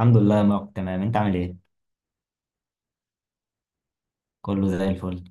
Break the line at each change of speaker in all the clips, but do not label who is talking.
الحمد لله يا مارك، تمام. انت عامل ايه؟ كله زي الفل.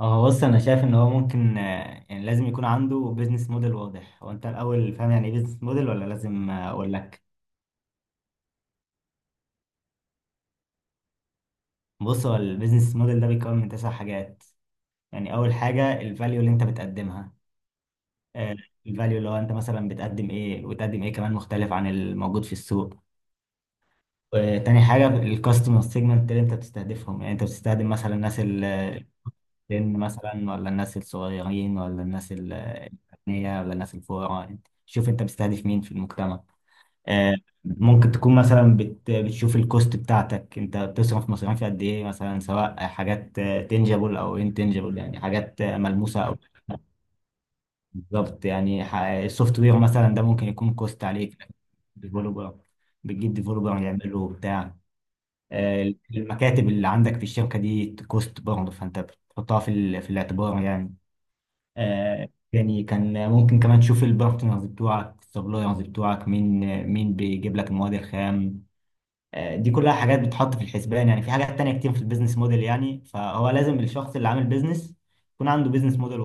اه، بص، انا شايف ان هو ممكن، يعني لازم يكون عنده بيزنس موديل واضح. هو انت الاول فاهم يعني ايه بيزنس موديل ولا لازم اقول لك؟ بص، هو البيزنس موديل ده بيتكون من تسع حاجات. يعني اول حاجه الفاليو اللي انت بتقدمها. الفاليو اللي هو انت مثلا بتقدم ايه، وتقدم ايه كمان مختلف عن الموجود في السوق. تاني حاجه الكاستمر سيجمنت اللي انت بتستهدفهم. يعني انت بتستخدم مثلا الناس، سن مثلا، ولا الناس الصغيرين ولا الناس الأغنياء ولا الناس الفقراء. انت شوف انت مستهدف مين في المجتمع. آه، ممكن تكون مثلا بتشوف الكوست بتاعتك. انت بتصرف مصاريف قد ايه مثلا، سواء حاجات تنجبل او انتنجبل، يعني حاجات ملموسه او بالظبط يعني. السوفت وير مثلا ده ممكن يكون كوست عليك. ديفلوبر، بتجيب ديفلوبر يعمله بتاع. المكاتب اللي عندك في الشركه دي كوست برضه، فانت بتحطها في في الاعتبار يعني. آه، يعني كان ممكن كمان تشوف البارتنرز بتوعك، السبلايرز بتوعك، مين مين بيجيب لك المواد الخام. آه، دي كلها حاجات بتحط في الحسبان. يعني في حاجات تانية كتير في البيزنس موديل يعني، فهو لازم الشخص اللي عامل بيزنس يكون عنده بيزنس موديل.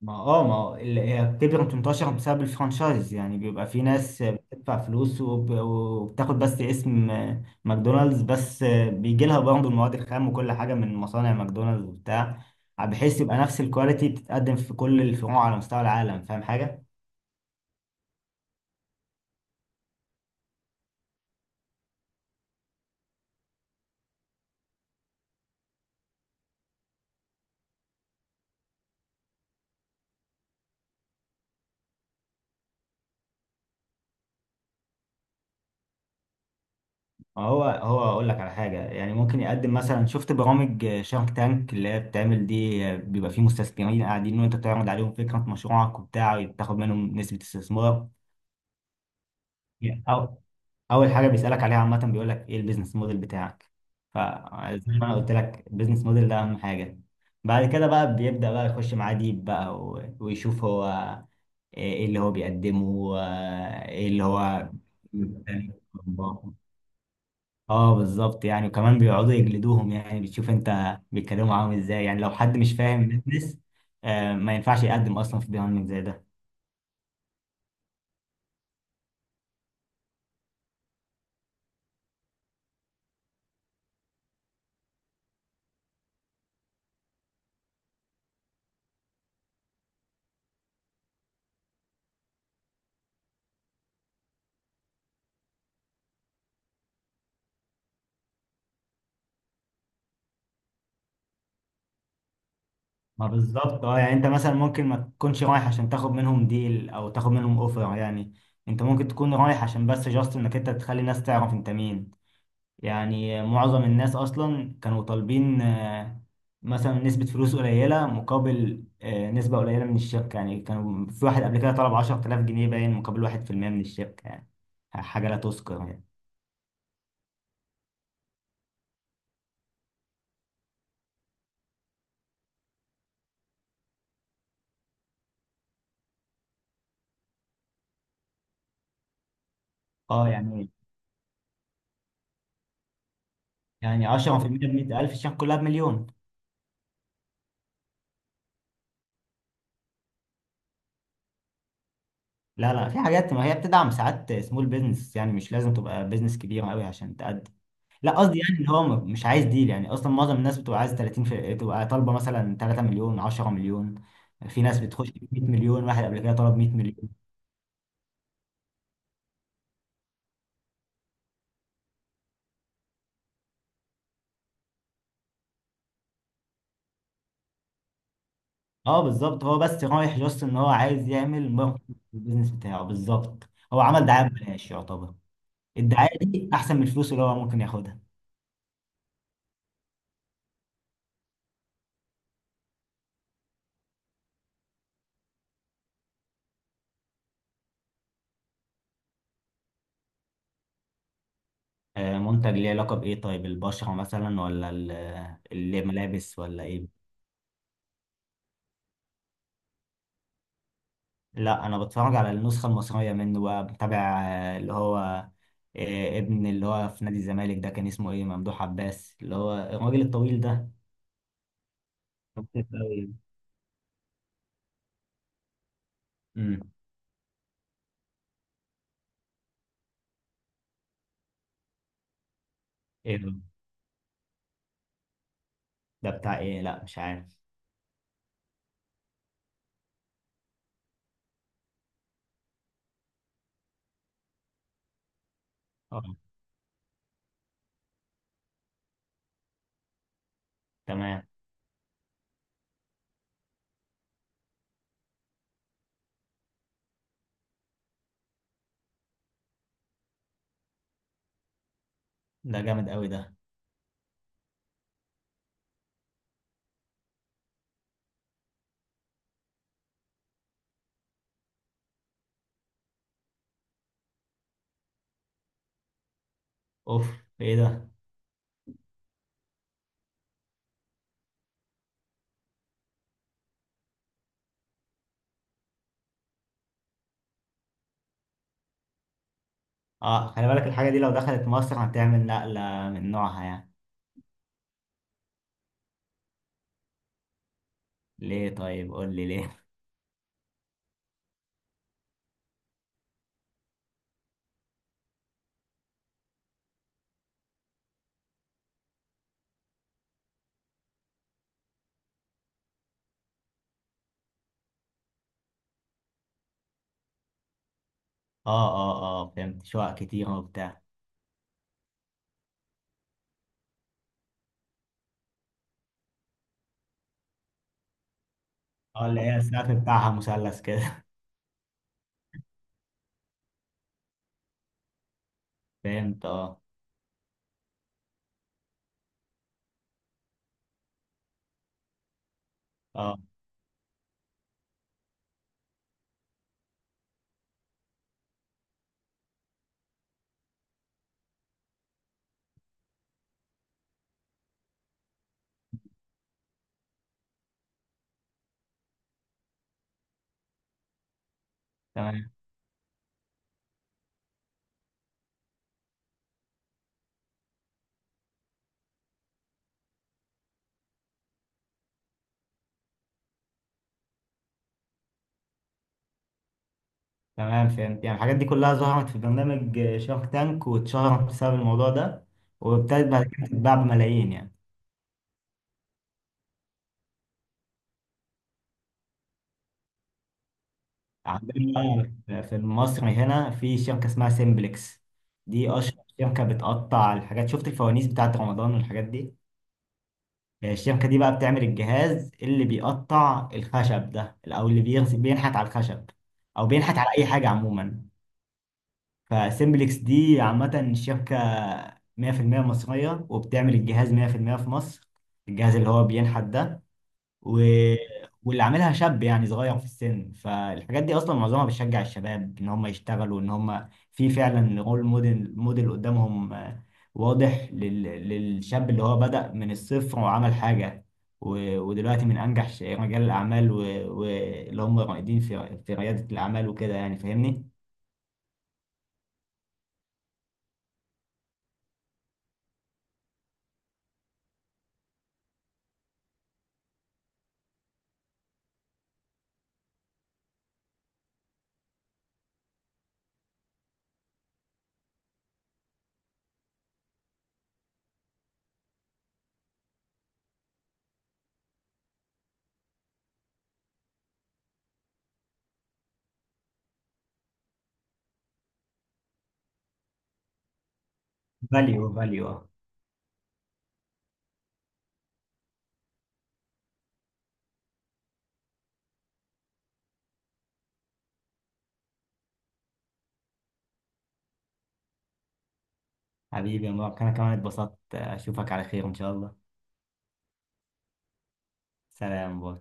ما هو اللي هي بتبقى بتنتشر بسبب الفرانشايز. يعني بيبقى في ناس بتدفع فلوس وبتاخد بس اسم ماكدونالدز بس. بيجي لها برضه المواد الخام وكل حاجة من مصانع ماكدونالدز وبتاع، بحيث يبقى نفس الكواليتي بتتقدم في كل الفروع على مستوى العالم. فاهم حاجة؟ ما هو اقول لك على حاجة. يعني ممكن يقدم مثلا، شفت برامج شارك تانك اللي هي بتعمل دي؟ بيبقى فيه مستثمرين قاعدين، وانت بتعرض عليهم فكرة مشروعك وبتاع، وبتاخد منهم نسبة استثمار. او اول حاجه بيسالك عليها عامه بيقول لك ايه البيزنس موديل بتاعك. فزي ما انا قلت لك، البيزنس موديل ده اهم حاجه. بعد كده بقى بيبدا بقى يخش معاه ديب بقى ويشوف هو ايه اللي هو بيقدمه وايه اللي هو. اه بالظبط يعني. وكمان بيقعدوا يجلدوهم. يعني بتشوف انت بيتكلموا معاهم ازاي. يعني لو حد مش فاهم البيزنس ما ينفعش يقدم اصلا في بيهايند زي ده. ما بالظبط. اه يعني انت مثلا ممكن ما تكونش رايح عشان تاخد منهم ديل او تاخد منهم اوفر يعني. انت ممكن تكون رايح عشان بس جاست انك انت تخلي الناس تعرف انت مين. يعني معظم الناس اصلا كانوا طالبين مثلا نسبة فلوس قليلة مقابل نسبة قليلة من الشركة يعني. كانوا في واحد قبل كده طلب 10000 جنيه باين مقابل 1% من الشركة يعني. حاجة لا تذكر يعني. اه يعني، يعني 10%، ب 100000 الشركة كلها بمليون. لا لا، في حاجات ما هي بتدعم ساعات سمول بيزنس يعني. مش لازم تبقى بيزنس كبير قوي عشان تقدم. لا قصدي يعني اللي هو مش عايز ديل يعني. اصلا معظم الناس بتبقى عايز 30 في... تبقى طالبه مثلا 3 مليون، 10 مليون. في ناس بتخش ب 100 مليون، واحد قبل كده طلب 100 مليون. اه بالظبط، هو بس رايح جاست ان هو عايز يعمل ماركت البيزنس بتاعه. بالظبط، هو عمل دعايه ببلاش يعتبر. الدعايه دي احسن من الفلوس اللي هو ممكن ياخدها. منتج ليه علاقه بايه؟ طيب البشره مثلا ولا الملابس ولا ايه؟ لا، انا بتفرج على النسخه المصريه منه بقى، بتابع اللي هو ابن اللي هو في نادي الزمالك ده. كان اسمه ايه؟ ممدوح عباس، اللي هو الراجل الطويل ده. خفيف أوي. امم. ايه ده؟ ده بتاع ايه؟ لا مش عارف. اه، تمام. ده جامد قوي ده. اوف، ايه ده؟ اه، خلي بالك الحاجه دي لو دخلت مصر هتعمل نقله من نوعها يعني. ليه طيب؟ قول لي ليه. اه اه اه، فهمت، شقق كتير وبتاع. اه، اللي هي السقف بتاعها مثلث كده. فهمت، اه. اه، تمام. تمام، فهمت. يعني الحاجات دي كلها ظهرت في برنامج شارك تانك واتشهرت بسبب الموضوع ده، وابتدت بعد كده تتباع بملايين يعني. عندنا بقى في مصر هنا في شركة اسمها سيمبلكس. دي أشهر شركة بتقطع الحاجات. شفت الفوانيس بتاعت رمضان والحاجات دي؟ الشركة دي بقى بتعمل الجهاز اللي بيقطع الخشب ده، أو اللي بينحت على الخشب، أو بينحت على أي حاجة عموما. فسيمبلكس دي عامة شبكة 100% مصرية، وبتعمل الجهاز 100% في المية في مصر، الجهاز اللي هو بينحت ده. و... واللي عاملها شاب، يعني صغير في السن. فالحاجات دي أصلا معظمها بتشجع الشباب إن هم يشتغلوا، إن هم في فعلا رول موديل قدامهم. واضح لل... للشاب اللي هو بدأ من الصفر وعمل حاجة. و... ودلوقتي من أنجح رجال الأعمال. واللي و... واللي هم رائدين في ريادة الأعمال وكده يعني. فاهمني؟ فاليو، فاليو. حبيبي يا مبارك، انا كمان اتبسطت. اشوفك على خير ان شاء الله. سلام، باي.